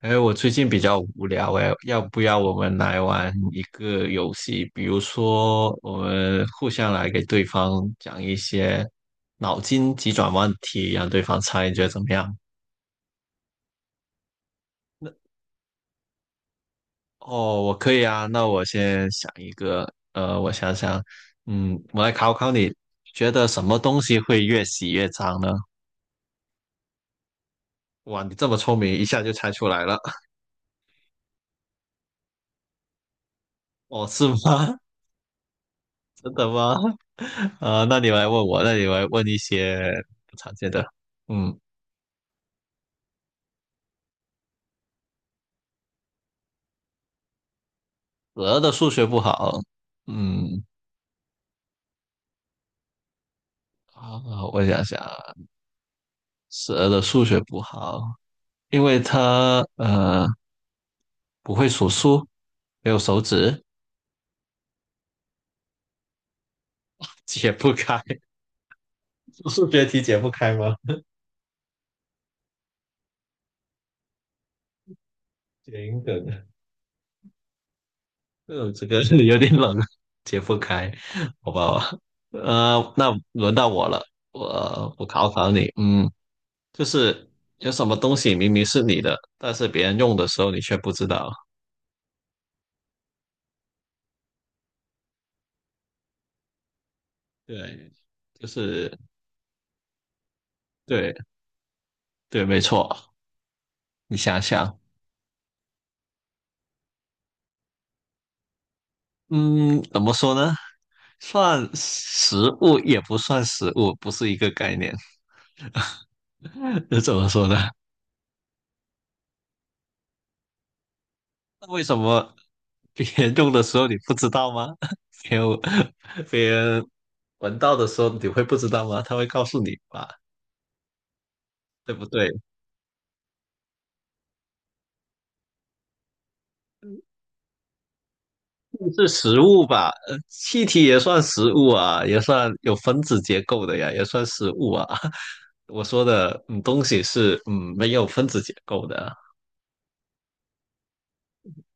哎，我最近比较无聊哎，要不要我们来玩一个游戏？比如说，我们互相来给对方讲一些脑筋急转弯题，让对方猜，你觉得怎么样？那哦，我可以啊。那我先想一个，我想想，我来考考你，觉得什么东西会越洗越脏呢？哇，你这么聪明，一下就猜出来了。哦，是吗？真的吗？啊、那你来问我，那你来问一些不常见的。嗯，蛇的数学不好。嗯，啊，我想想啊蛇的数学不好，因为它不会数数，没有手指，解不开。数学题解不开吗？行的，嗯，这个是有点冷，解不开，好吧？那轮到我了，我考考你。就是有什么东西明明是你的，但是别人用的时候你却不知道。对，就是对对，没错。你想想，嗯，怎么说呢？算食物也不算食物，不是一个概念。这怎么说呢？那为什么别人用的时候你不知道吗？别人别人闻到的时候你会不知道吗？他会告诉你吧，对不对？是食物吧？气体也算食物啊，也算有分子结构的呀，也算食物啊。我说的，嗯，东西是没有分子结构的，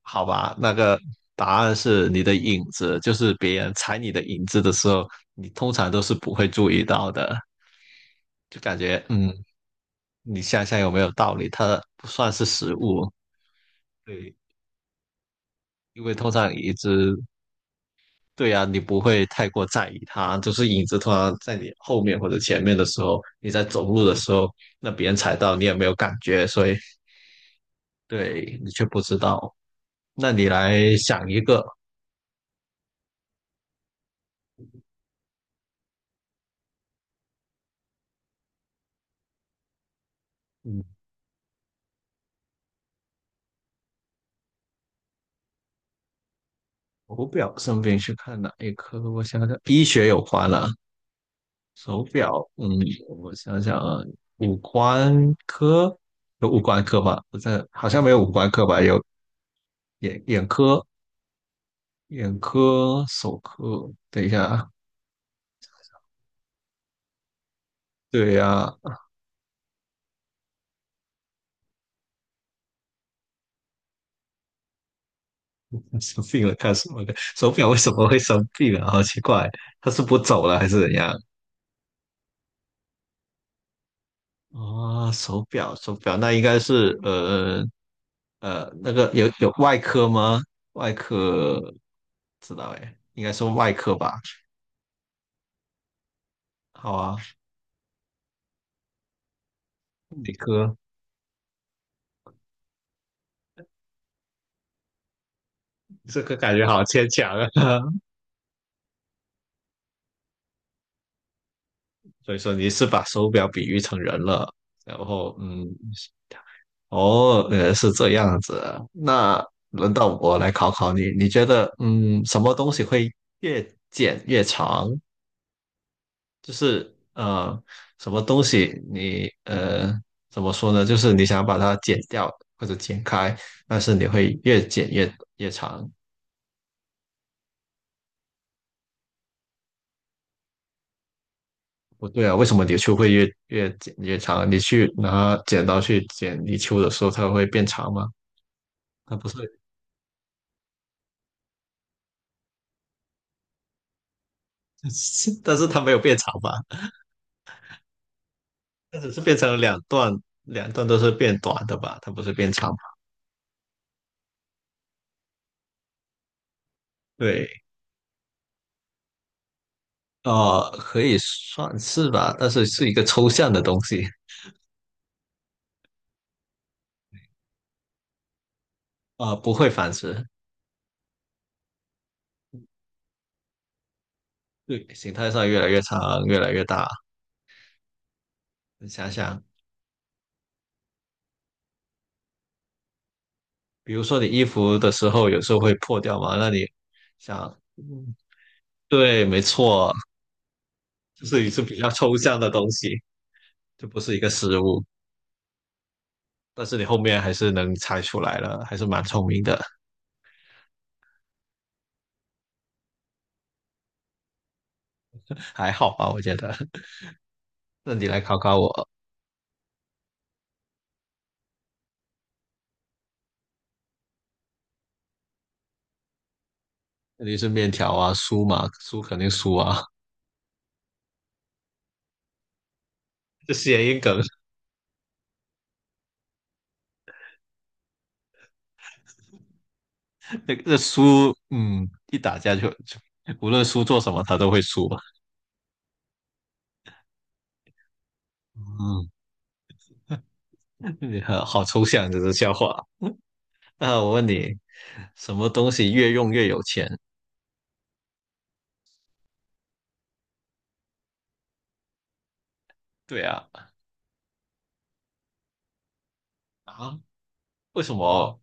好吧？那个答案是你的影子，就是别人踩你的影子的时候，你通常都是不会注意到的，就感觉你想想有没有道理？它不算是食物，对，因为通常一只。对呀、你不会太过在意它，就是影子突然在你后面或者前面的时候，你在走路的时候，那别人踩到你也没有感觉，所以对你却不知道。那你来想一个，嗯，手表生病去看哪一科？我想想，医学有关了，手表，嗯，我想想啊，五官科有五官科吧？不是，好像没有五官科吧？有眼科、眼科、手科。等一下啊，对呀、生病了干什么的？手表为什么会生病啊？好奇怪，它是不走了还是怎样？哦，手表，手表，那应该是那个有外科吗？外科不知道哎，应该是外科吧？好啊，内科，这个感觉好牵强啊。所以说你是把手表比喻成人了，然后哦，是这样子。那轮到我来考考你，你觉得，什么东西会越剪越长？就是什么东西你怎么说呢？就是你想把它剪掉或者剪开，但是你会越剪越长。不对啊，为什么泥鳅会越剪越长？你去拿剪刀去剪泥鳅的时候，它会变长吗？它不是，但是它没有变长吧？但只是变成了两段，两段都是变短的吧？它不是变长吧。对，可以算是吧，但是是一个抽象的东西，啊，不会繁殖，对，形态上越来越长，越来越大。你想想，比如说你衣服的时候，有时候会破掉嘛，那你想，嗯对，没错，就是一次比较抽象的东西，就不是一个实物。但是你后面还是能猜出来了，还是蛮聪明的，还好吧，我觉得。那你来考考我。肯定是面条啊，酥嘛，酥肯定输啊，这谐音梗，那个酥，一打架就无论酥做什么，他都会输嘛。嗯，你好好抽象这是笑话。那我问你，什么东西越用越有钱？对啊，啊，为什么？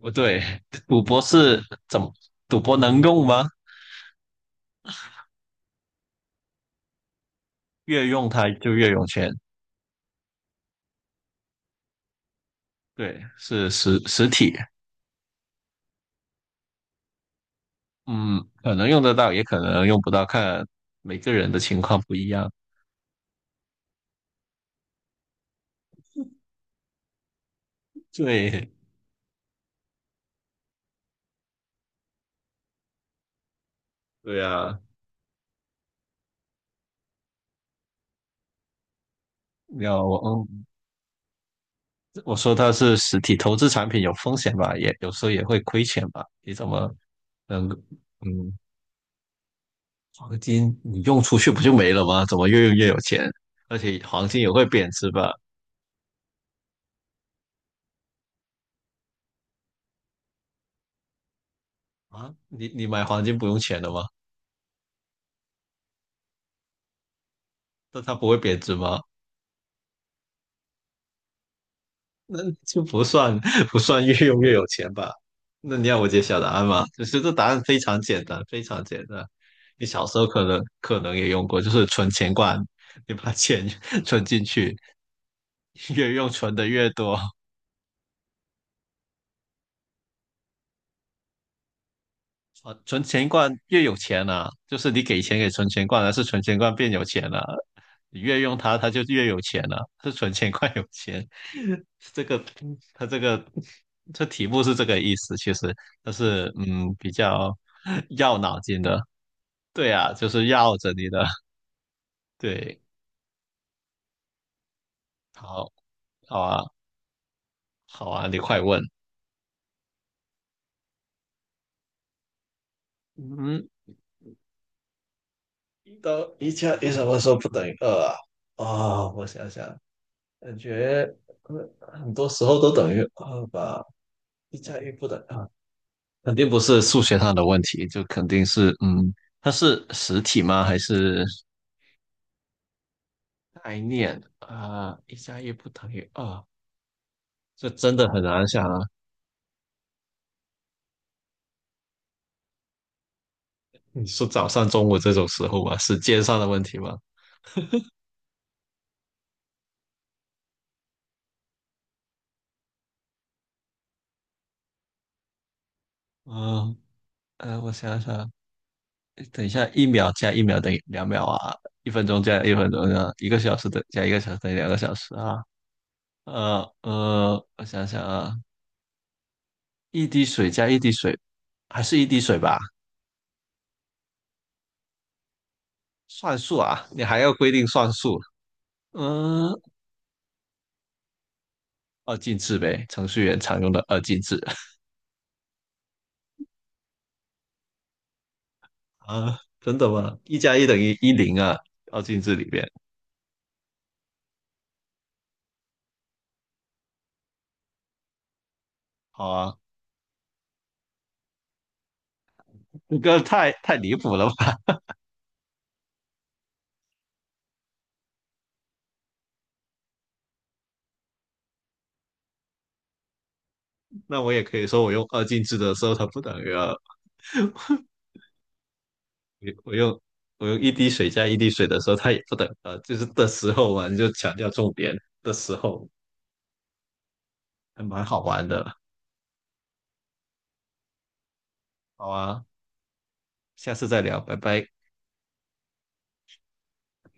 不对，赌博是怎么？赌博能用吗？越用它就越有钱。对，是实体。嗯，可能用得到，也可能用不到，看每个人的情况不一样。对，对呀，你要我我说它是实体投资产品有风险吧，也有时候也会亏钱吧。你怎么能嗯，黄金你用出去不就没了吗？怎么越用越有钱？而且黄金也会贬值吧？啊，你买黄金不用钱的吗？那它不会贬值吗？那就不算越用越有钱吧？那你要我揭晓答案吗？就是这答案非常简单，非常简单。你小时候可能也用过，就是存钱罐，你把钱 存进去，越用存的越多。啊，存钱罐越有钱啊，就是你给钱给存钱罐，还是存钱罐变有钱了、你越用它，它就越有钱了、是存钱快有钱。这个，它这个，这题目是这个意思，其实，它是比较绕脑筋的。对啊，就是绕着你的。对，好，好啊，好啊，你快问。嗯，一加一什么时候不等于二啊？哦，我想想，感觉很多时候都等于二吧。一加一不等于二，肯定不是数学上的问题，就肯定是，它是实体吗？还是概念啊？一加一不等于二，这真的很难想啊。你说早上、中午这种时候吧，时间上的问题吗？嗯，我想想，等一下，一秒加一秒等于两秒啊，一分钟加一分钟啊，一个小时加一个小时等于两个小时啊。我想想啊，一滴水加一滴水，还是一滴水吧？算数啊，你还要规定算数。嗯，二进制呗，程序员常用的二进制 啊，真的吗？一加一等于一零啊，二进制里边。好啊，这个太离谱了吧？那我也可以说，我用二进制的时候，它不等于二；我我用我用一滴水加一滴水的时候，它也不等于二，就是的时候嘛，你就强调重点的时候，还蛮好玩的。好啊，下次再聊，拜拜。